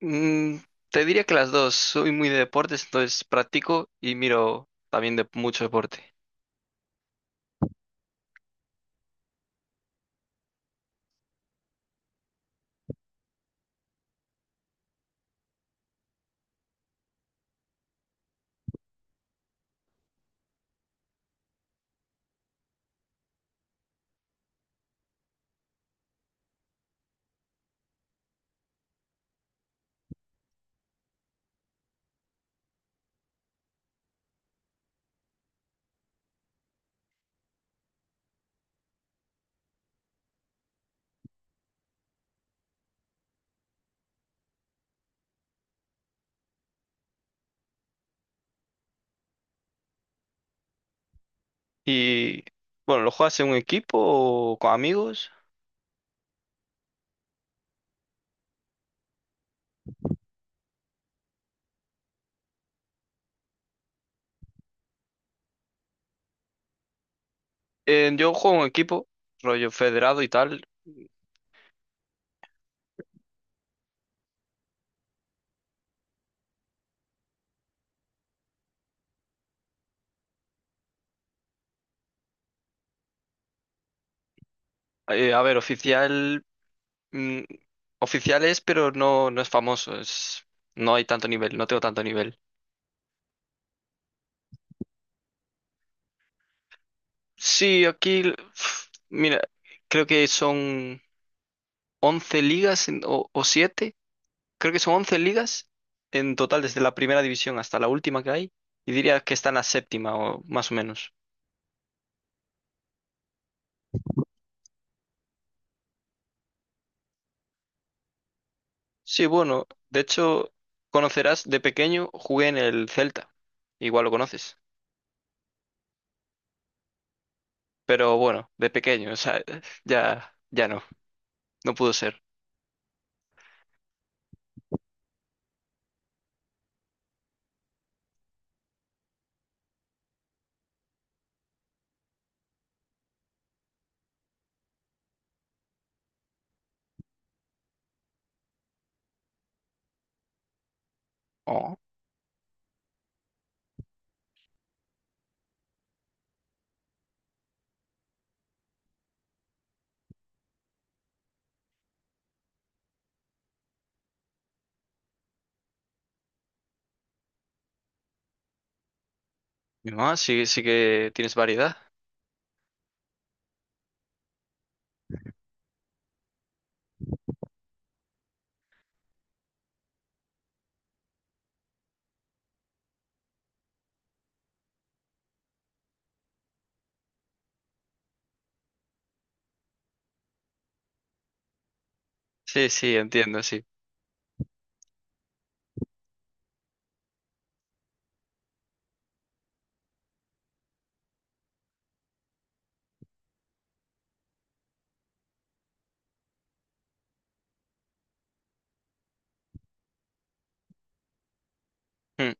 Mm, Te diría que las dos. Soy muy de deportes, entonces practico y miro también de mucho deporte. Y bueno, ¿lo juegas en un equipo o con amigos? Yo juego en un equipo, rollo federado y tal. A ver, oficial, mm, oficial es, pero no, no es famoso. Es, no hay tanto nivel, no tengo tanto nivel. Sí, aquí, mira, creo que son 11 ligas o 7, creo que son 11 ligas en total desde la primera división hasta la última que hay. Y diría que está en la séptima o más o menos. Sí, bueno, de hecho, conocerás, de pequeño jugué en el Celta. Igual lo conoces. Pero bueno, de pequeño, o sea, ya, ya no, no pudo ser. Oh, mi mamá, sí, sí que tienes variedad. Sí, sí, entiendo, sí. Hmm.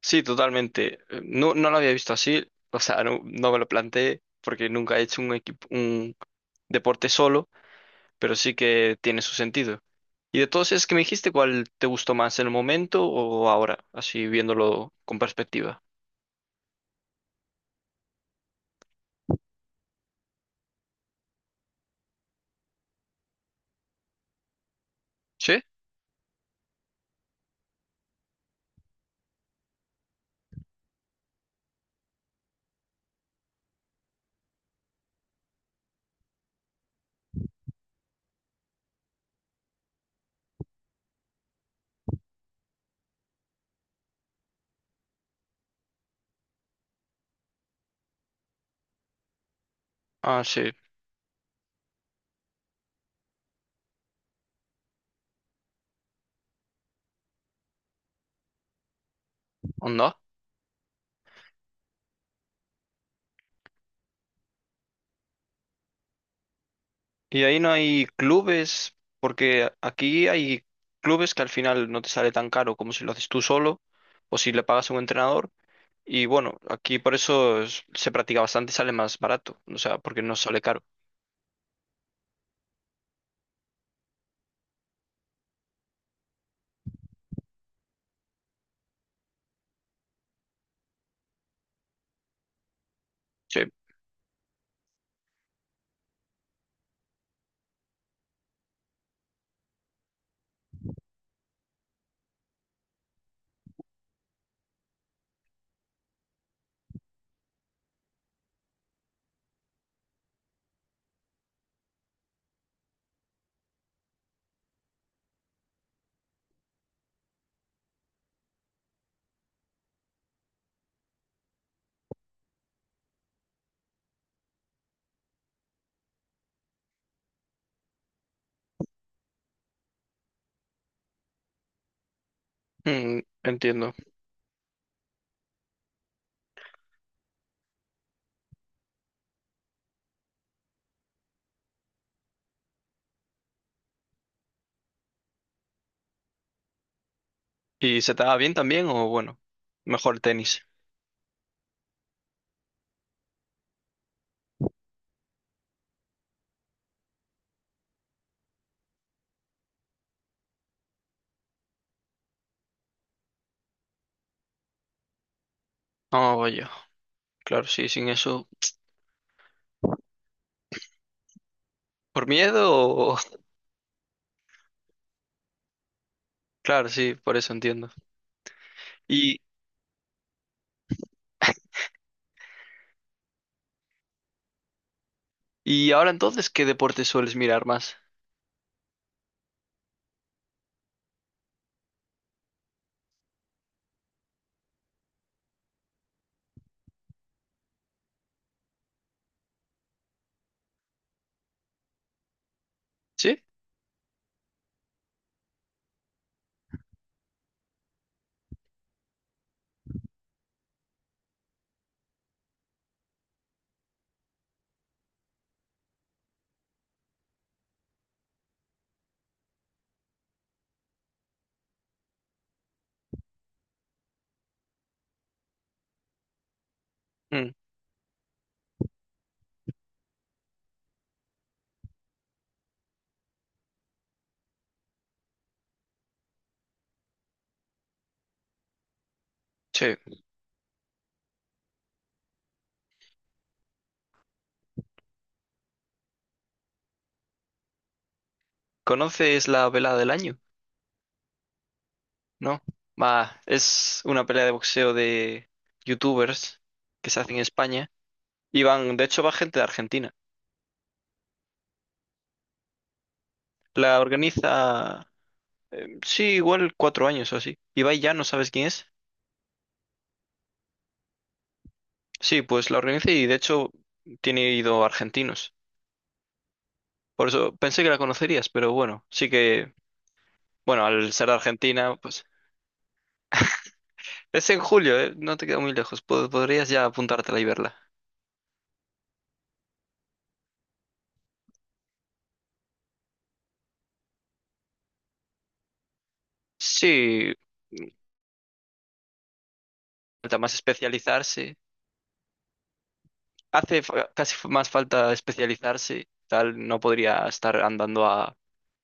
Sí, totalmente. No, no lo había visto así, o sea, no, no me lo planteé porque nunca he hecho un equipo, un deporte solo, pero sí que tiene su sentido. Y de todos esos que me dijiste, ¿cuál te gustó más en el momento o ahora, así viéndolo con perspectiva? ¿Sí? Ah, sí, onda. Y ahí no hay clubes, porque aquí hay clubes que al final no te sale tan caro como si lo haces tú solo o si le pagas a un entrenador. Y bueno, aquí por eso se practica bastante y sale más barato, o sea, porque no sale caro. Sí. Entiendo. ¿Y se te da bien también o bueno, mejor tenis? Oh, vaya, claro, sí, sin eso. ¿Por miedo o? Claro, sí, por eso entiendo. ¿Y, y ahora entonces qué deporte sueles mirar más? ¿Sí? Mm, sí. ¿Conoces la velada del año? ¿No? Va, es una pelea de boxeo de youtubers que se hace en España y van, de hecho va gente de Argentina. La organiza, sí, igual 4 años o así. Ibai ya, ¿no sabes quién es? Sí, pues la organiza y de hecho tiene ido argentinos. Por eso pensé que la conocerías, pero bueno, sí que, bueno, al ser de Argentina, pues es en julio, ¿eh? No te queda muy lejos. Podrías ya apuntártela y verla. Sí, falta más especializarse. Hace casi más falta especializarse. Tal, no podría estar andando a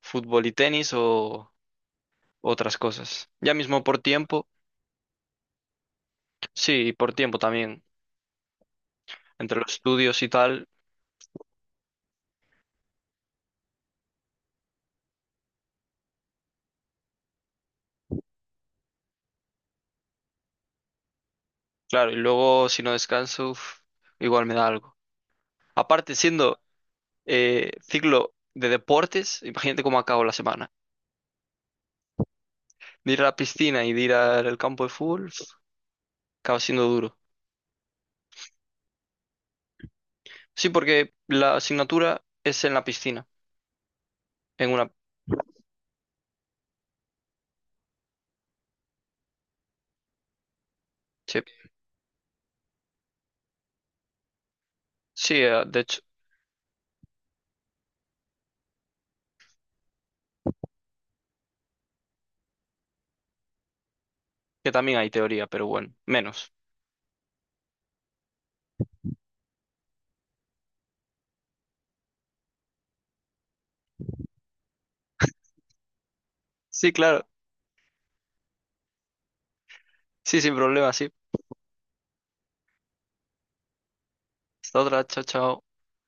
fútbol y tenis o otras cosas. Ya mismo por tiempo. Sí, y por tiempo también, entre los estudios y tal, claro, y luego si no descanso, uf, igual me da algo. Aparte, siendo ciclo de deportes, imagínate cómo acabo la semana. De ir a la piscina y de ir al campo de fútbol, uf, acaba siendo duro. Sí, porque la asignatura es en la piscina, en una. Sí, sí, de hecho, que también hay teoría, pero bueno, menos. Sí, claro, sí, sin problema, sí. Hasta otra, chao, chao.